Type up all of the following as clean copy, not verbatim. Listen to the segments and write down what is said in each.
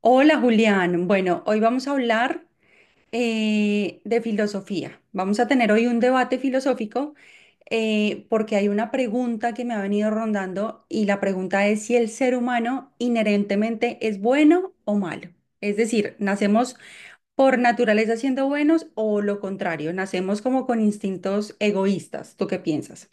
Hola Julián, bueno, hoy vamos a hablar de filosofía. Vamos a tener hoy un debate filosófico porque hay una pregunta que me ha venido rondando y la pregunta es si el ser humano inherentemente es bueno o malo. Es decir, ¿nacemos por naturaleza siendo buenos o lo contrario? ¿Nacemos como con instintos egoístas? ¿Tú qué piensas?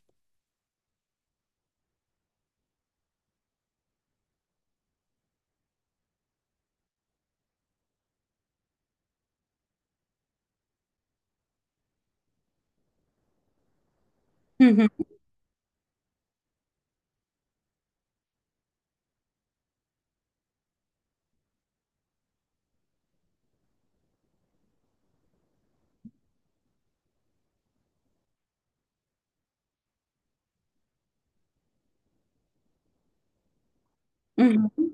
Ujú, ujú.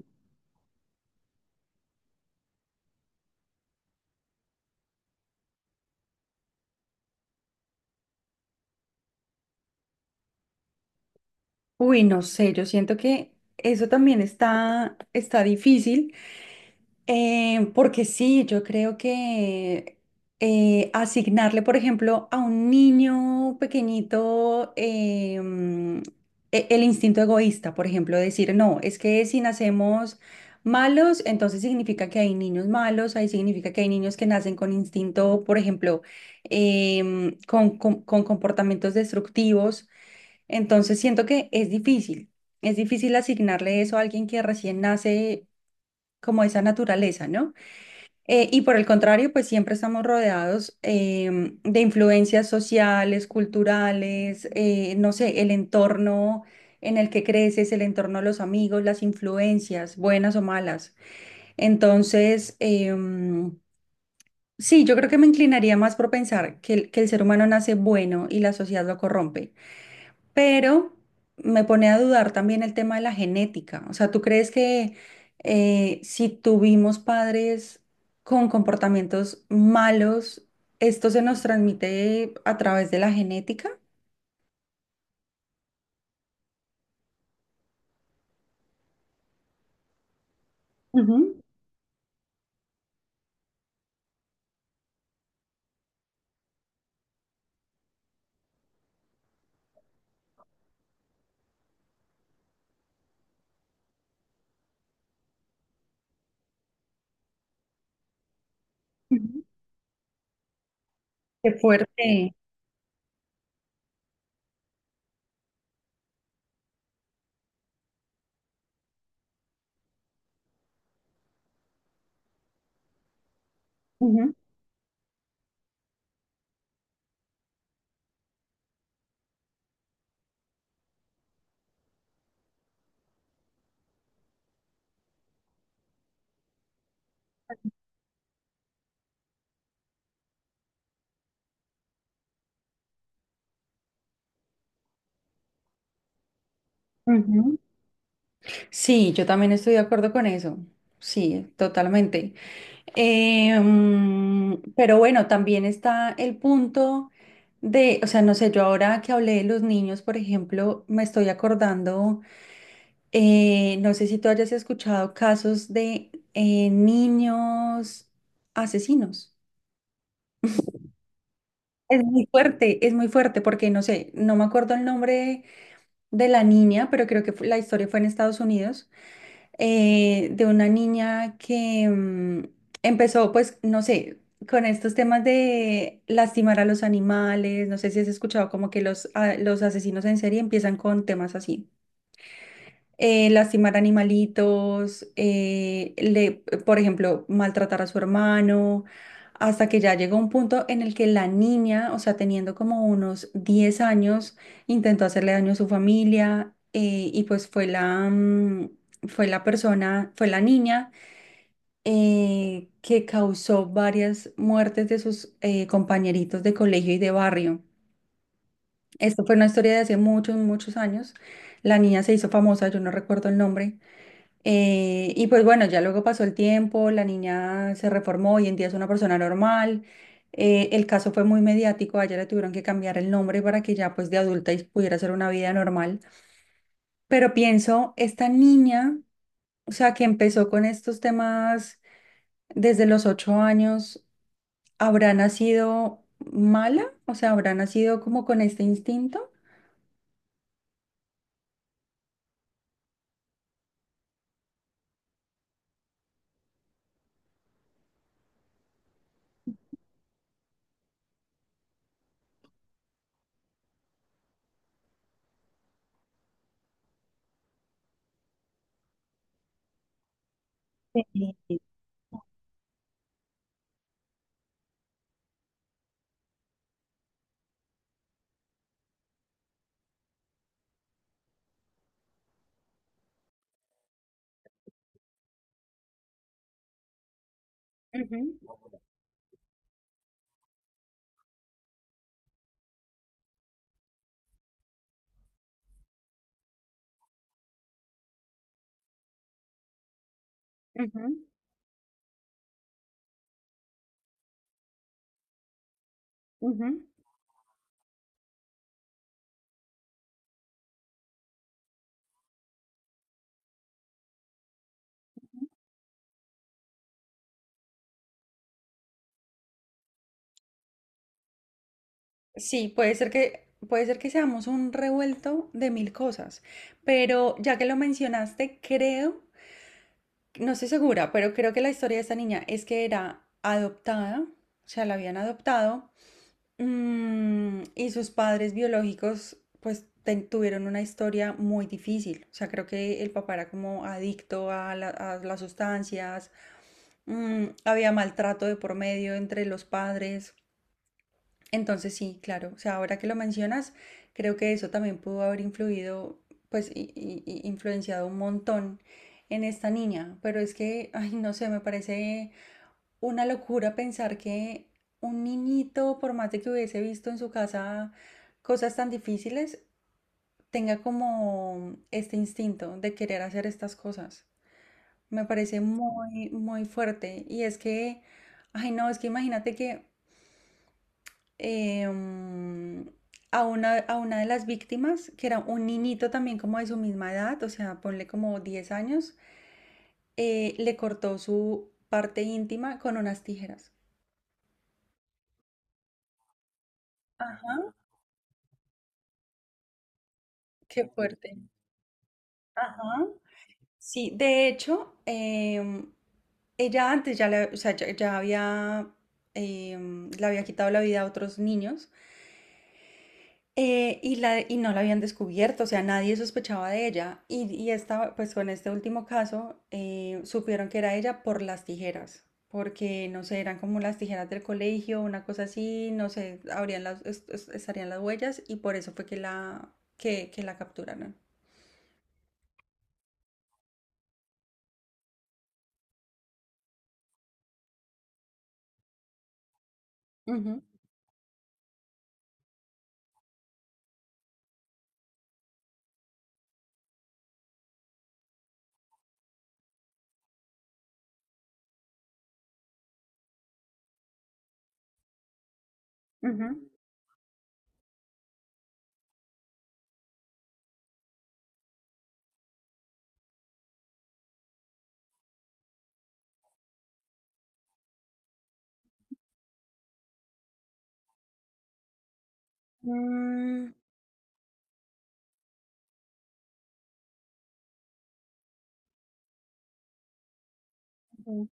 Uy, no sé, yo siento que eso también está difícil. Porque sí, yo creo que asignarle, por ejemplo, a un niño pequeñito el instinto egoísta, por ejemplo, decir, no, es que si nacemos malos, entonces significa que hay niños malos, ahí significa que hay niños que nacen con instinto, por ejemplo, con, con comportamientos destructivos. Entonces siento que es difícil asignarle eso a alguien que recién nace como esa naturaleza, ¿no? Y por el contrario, pues siempre estamos rodeados de influencias sociales, culturales, no sé, el entorno en el que creces, el entorno de los amigos, las influencias, buenas o malas. Entonces, sí, yo creo que me inclinaría más por pensar que que el ser humano nace bueno y la sociedad lo corrompe. Pero me pone a dudar también el tema de la genética. O sea, ¿tú crees que si tuvimos padres con comportamientos malos, esto se nos transmite a través de la genética? Ujú, ujú. Qué fuerte. Ujú, ujú. Sí, yo también estoy de acuerdo con eso. Sí, totalmente. Pero bueno, también está el punto de, o sea, no sé, yo ahora que hablé de los niños, por ejemplo, me estoy acordando, no sé si tú hayas escuchado casos de niños asesinos. Es muy fuerte porque no sé, no me acuerdo el nombre de la niña, pero creo que la historia fue en Estados Unidos de una niña que empezó, pues, no sé, con estos temas de lastimar a los animales, no sé si has escuchado como que los asesinos en serie empiezan con temas así lastimar animalitos, por ejemplo, maltratar a su hermano, hasta que ya llegó un punto en el que la niña, o sea, teniendo como unos 10 años, intentó hacerle daño a su familia y pues fue la persona, fue la niña que causó varias muertes de sus compañeritos de colegio y de barrio. Esto fue una historia de hace muchos, muchos años. La niña se hizo famosa, yo no recuerdo el nombre, y pues bueno, ya luego pasó el tiempo, la niña se reformó, hoy en día es una persona normal. El caso fue muy mediático, a ella le tuvieron que cambiar el nombre para que ya pues de adulta y pudiera hacer una vida normal. Pero pienso, esta niña, o sea, que empezó con estos temas desde los 8 años, ¿habrá nacido mala? O sea, ¿habrá nacido como con este instinto? Ujú, ujú. Sí, puede ser que seamos un revuelto de mil cosas, pero ya que lo mencionaste, creo, no estoy segura, pero creo que la historia de esta niña es que era adoptada, o sea, la habían adoptado, y sus padres biológicos, pues, tuvieron una historia muy difícil. O sea, creo que el papá era como adicto a, a las sustancias, había maltrato de por medio entre los padres. Entonces sí, claro, o sea, ahora que lo mencionas, creo que eso también pudo haber influido, pues, y influenciado un montón en esta niña, pero es que, ay, no sé, me parece una locura pensar que un niñito, por más de que hubiese visto en su casa cosas tan difíciles, tenga como este instinto de querer hacer estas cosas. Me parece muy, muy fuerte. Y es que, ay, no, es que imagínate que eh, mm, a una de las víctimas, que era un niñito también como de su misma edad, o sea, ponle como 10 años, le cortó su parte íntima con unas tijeras. Ajá, qué fuerte. Ajá. Sí, de hecho, ella antes ya, o sea, ya, ya había, le había quitado la vida a otros niños. Y no la habían descubierto, o sea, nadie sospechaba de ella. Y esta, pues con este último caso, supieron que era ella por las tijeras, porque no sé, eran como las tijeras del colegio, una cosa así, no sé, habrían estarían las huellas y por eso fue que que la capturaron. Ujú, ujú. Mm, ujú.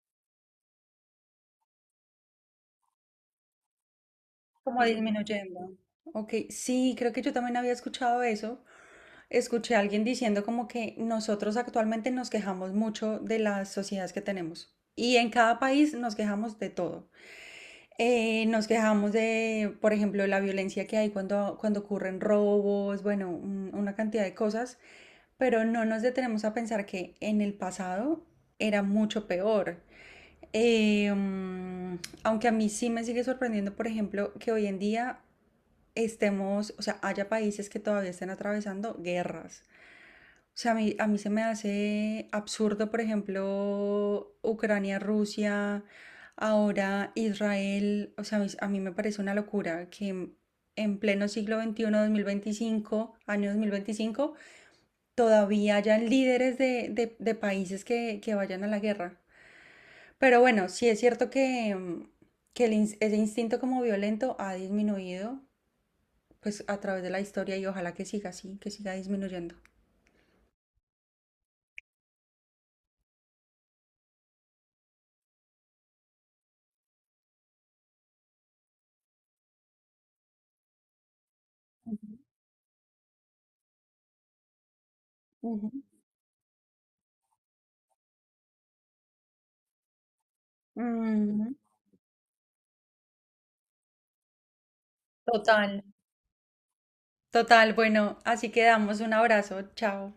Como disminuyendo. Ok, sí, creo que yo también había escuchado eso. Escuché a alguien diciendo como que nosotros actualmente nos quejamos mucho de las sociedades que tenemos. Y en cada país nos quejamos de todo. Nos quejamos de, por ejemplo, la violencia que hay cuando, cuando ocurren robos, bueno, una cantidad de cosas, pero no nos detenemos a pensar que en el pasado era mucho peor. Eh, mm, Aunque a mí sí me sigue sorprendiendo, por ejemplo, que hoy en día estemos, o sea, haya países que todavía estén atravesando guerras sea, a mí se me hace absurdo, por ejemplo, Ucrania, Rusia, ahora Israel. O sea, a mí me parece una locura que en pleno siglo XXI 2025 año 2025 todavía hayan líderes de, de países que vayan a la guerra. Pero bueno, sí es cierto que, que el ese instinto como violento ha disminuido, pues a través de la historia y ojalá que siga así, que siga disminuyendo. Ujú. Ujú. Total. Total, bueno, así quedamos. Un abrazo, chao.